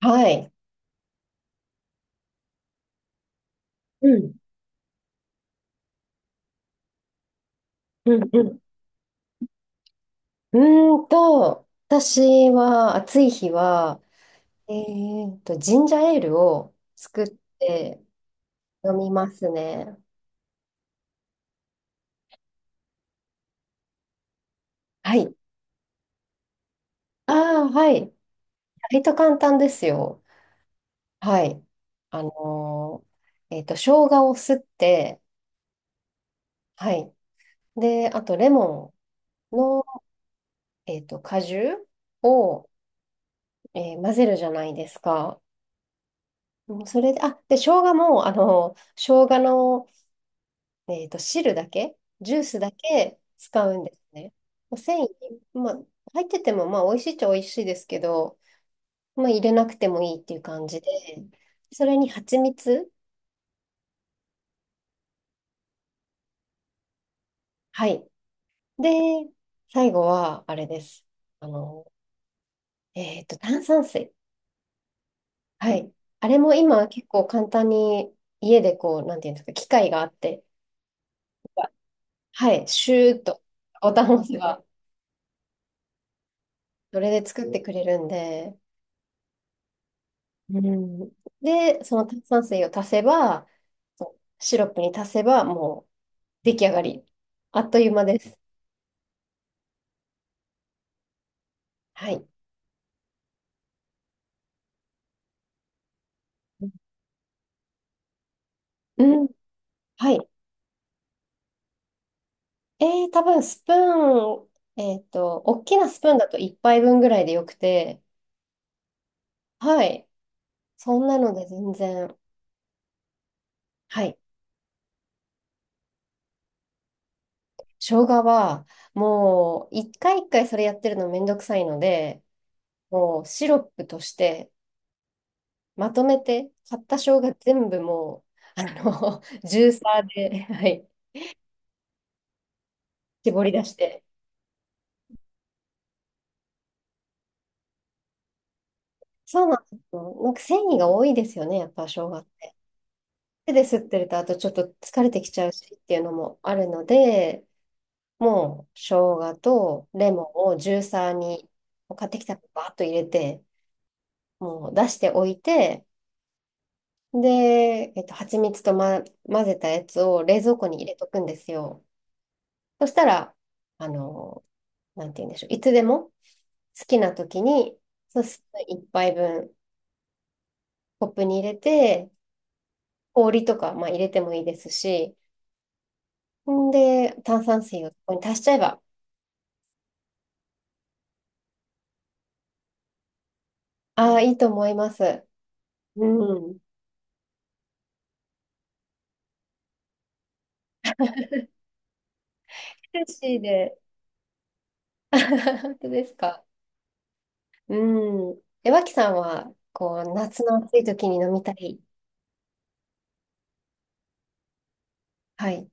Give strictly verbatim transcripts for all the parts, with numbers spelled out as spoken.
はい。うん、うん、うん。うーんと、私は暑い日は、えーと、ジンジャーエールを作って飲みますね。はい。ああ、はい。割と簡単ですよ。はい。あのーえっと、生姜をすって、はい。で、あとレモンの、えっと、果汁を、えー混ぜるじゃないですか。うん、それで、あ、で、生姜も、あの、生姜の、えっと、汁だけ、ジュースだけ使うんですね。まあ繊維、まあ、入ってても、まあ、美味しいっちゃ美味しいですけど、まあ、入れなくてもいいっていう感じで、それに蜂蜜、はい。で、最後は、あれです。あの、えっと、炭酸水。はい。あれも今、結構簡単に、家でこう、なんていうんですか、機械があって、はい、シューッと、ボタンを押せば、それで作ってくれるんで、うん、で、その炭酸水を足せば、そうシロップに足せば、もう出来上がり。あっという間です。はい。うん。はい。えー、多分スプーン、えっと、大きなスプーンだといっぱいぶんぐらいでよくて、はい。そんなので全然。はい。生姜は、もう、一回一回それやってるのめんどくさいので、もうシロップとして、まとめて、買った生姜全部もう、あの、ジューサーで、はい、絞り出して。そうなんですよ。なんか繊維が多いですよね、やっぱ生姜って。手で吸ってると、あとちょっと疲れてきちゃうしっていうのもあるので、もう生姜とレモンをジューサーに、買ってきたらバーッと入れて、もう出しておいて、で、えっと、蜂蜜と、ま、混ぜたやつを冷蔵庫に入れとくんですよ。そしたら、あの、なんて言うんでしょう。いつでも好きな時に、そうスプーン一杯分コップに入れて、氷とか、まあ、入れてもいいですし、んで、炭酸水をここに足しちゃえば、ああ、いいと思います。うん。ヘルシーで。本当ですか。うん。え、脇さんは、こう、夏の暑い時に飲みたい。はい。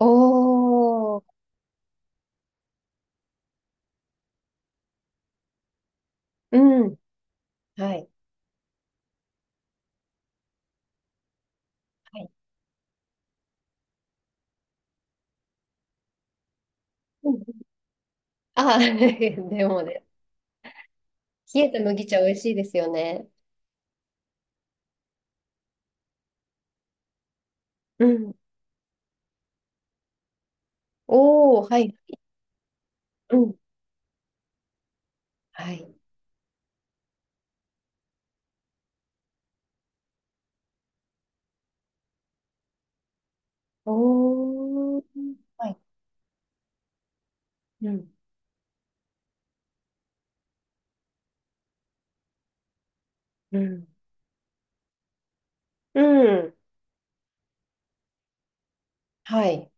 おー。うん。はい。はい。うん、ああ、でもね、冷えた麦茶美味しいですよね。うん。おお、はい。うん。はい。おー。はい。うん。うん。うん。はい。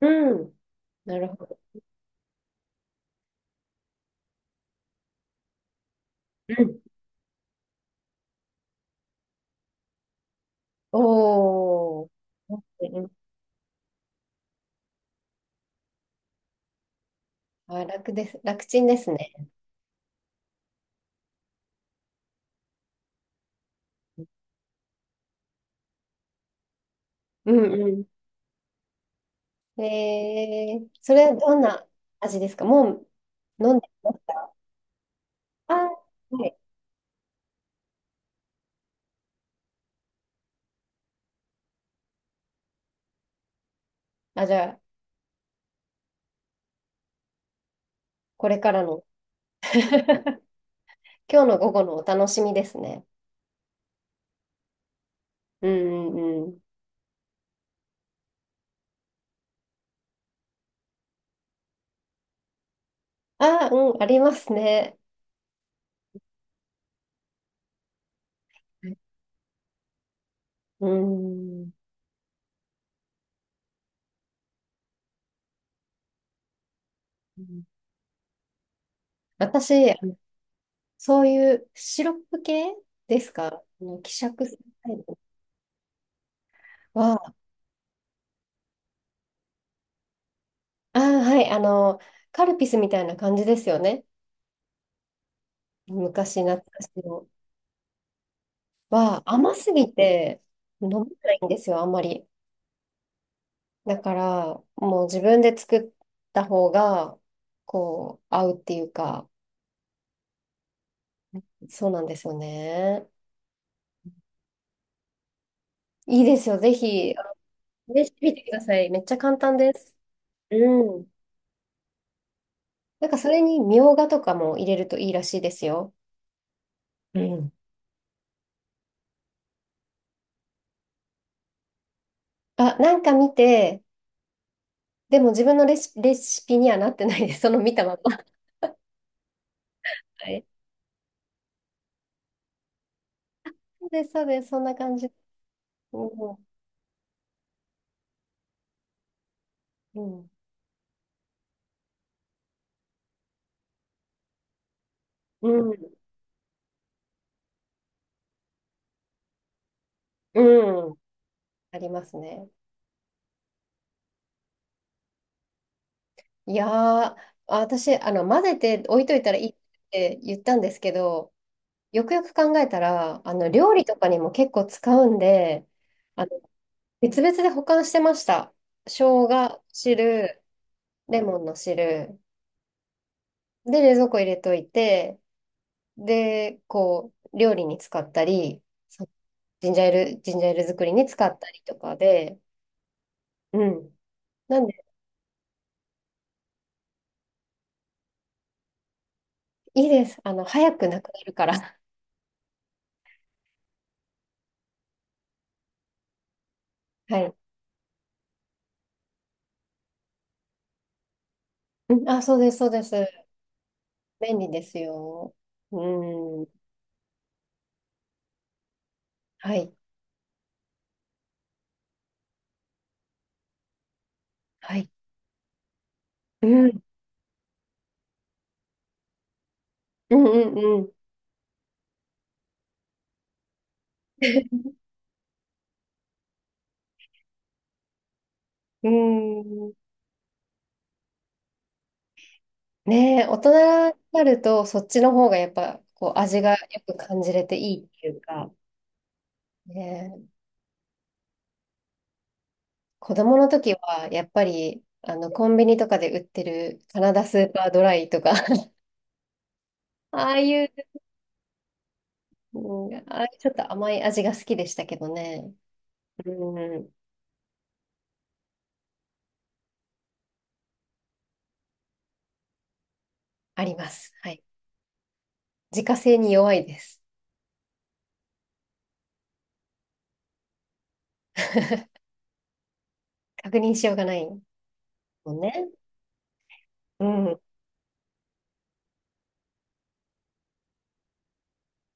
うん。なるほど。うん。おー。うん、あ、楽です。楽ちんですね。うん、うん。えー、それはどんな味ですか？もう飲んでますか？あ、はい。あ、じゃあ、これからの。今日の午後のお楽しみですね。うん、うん、うん。あ、うん、ありますね。うーん。私、あのそういうシロップ系ですか？あの希釈するタイプは、ああ、はい、あの、カルピスみたいな感じですよね。昔懐かしの。は、甘すぎて飲めないんですよ、あんまり。だから、もう自分で作った方が、こう、合うっていうか、そうなんですよね。いいですよ、ぜひ、試してみてください。めっちゃ簡単です。うん。なんかそれにみょうがとかも入れるといいらしいですよ。うん。あ、なんか見て、でも自分のレシ、レシピにはなってないです。その見たまま。はい。そうです、そうです。そんな感じ。うん。うん。うん。うん、ありますね。いやー、あ私、あの、混ぜて置いといたらいいって言ったんですけど、よくよく考えたら、あの、料理とかにも結構使うんで、あの、別々で保管してました。生姜汁、レモンの汁、で、冷蔵庫入れといて、で、こう、料理に使ったり、そジンジャーエール、ジンジャーエール作りに使ったりとかで、うん。なんで、いいです。あの、早くなくなるから。はい。うん、あ、そうです、そうです。便利ですよ。うん。はい。はい。うん。うん、うん、うん。うーん。ねえ、大人になると、そっちの方がやっぱ、こう、味がよく感じれていいっていうか、ね、子供の時は、やっぱり、あの、コンビニとかで売ってるカナダスーパードライとか ああいう、うん、ああいうちょっと甘い味が好きでしたけどね。うん、あります。はい。自家製に弱いです。確認しようがないもんね。うん、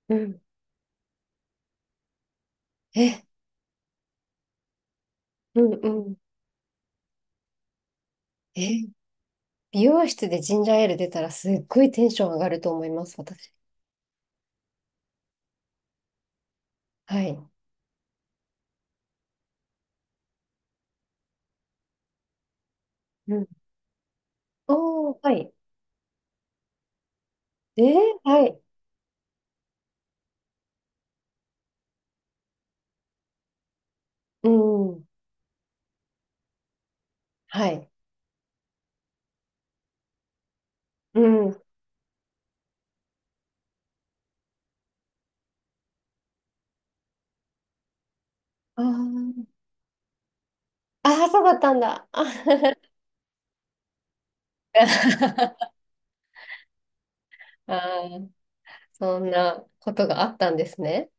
うん。え、うん、うん。え、美容室でジンジャーエール出たらすっごいテンション上がると思います、私。はい。うん。おー、はい。えー、はい。うん。はい。うん。ああ。ああ、そうだったんだ。あ あー、そんなことがあったんですね。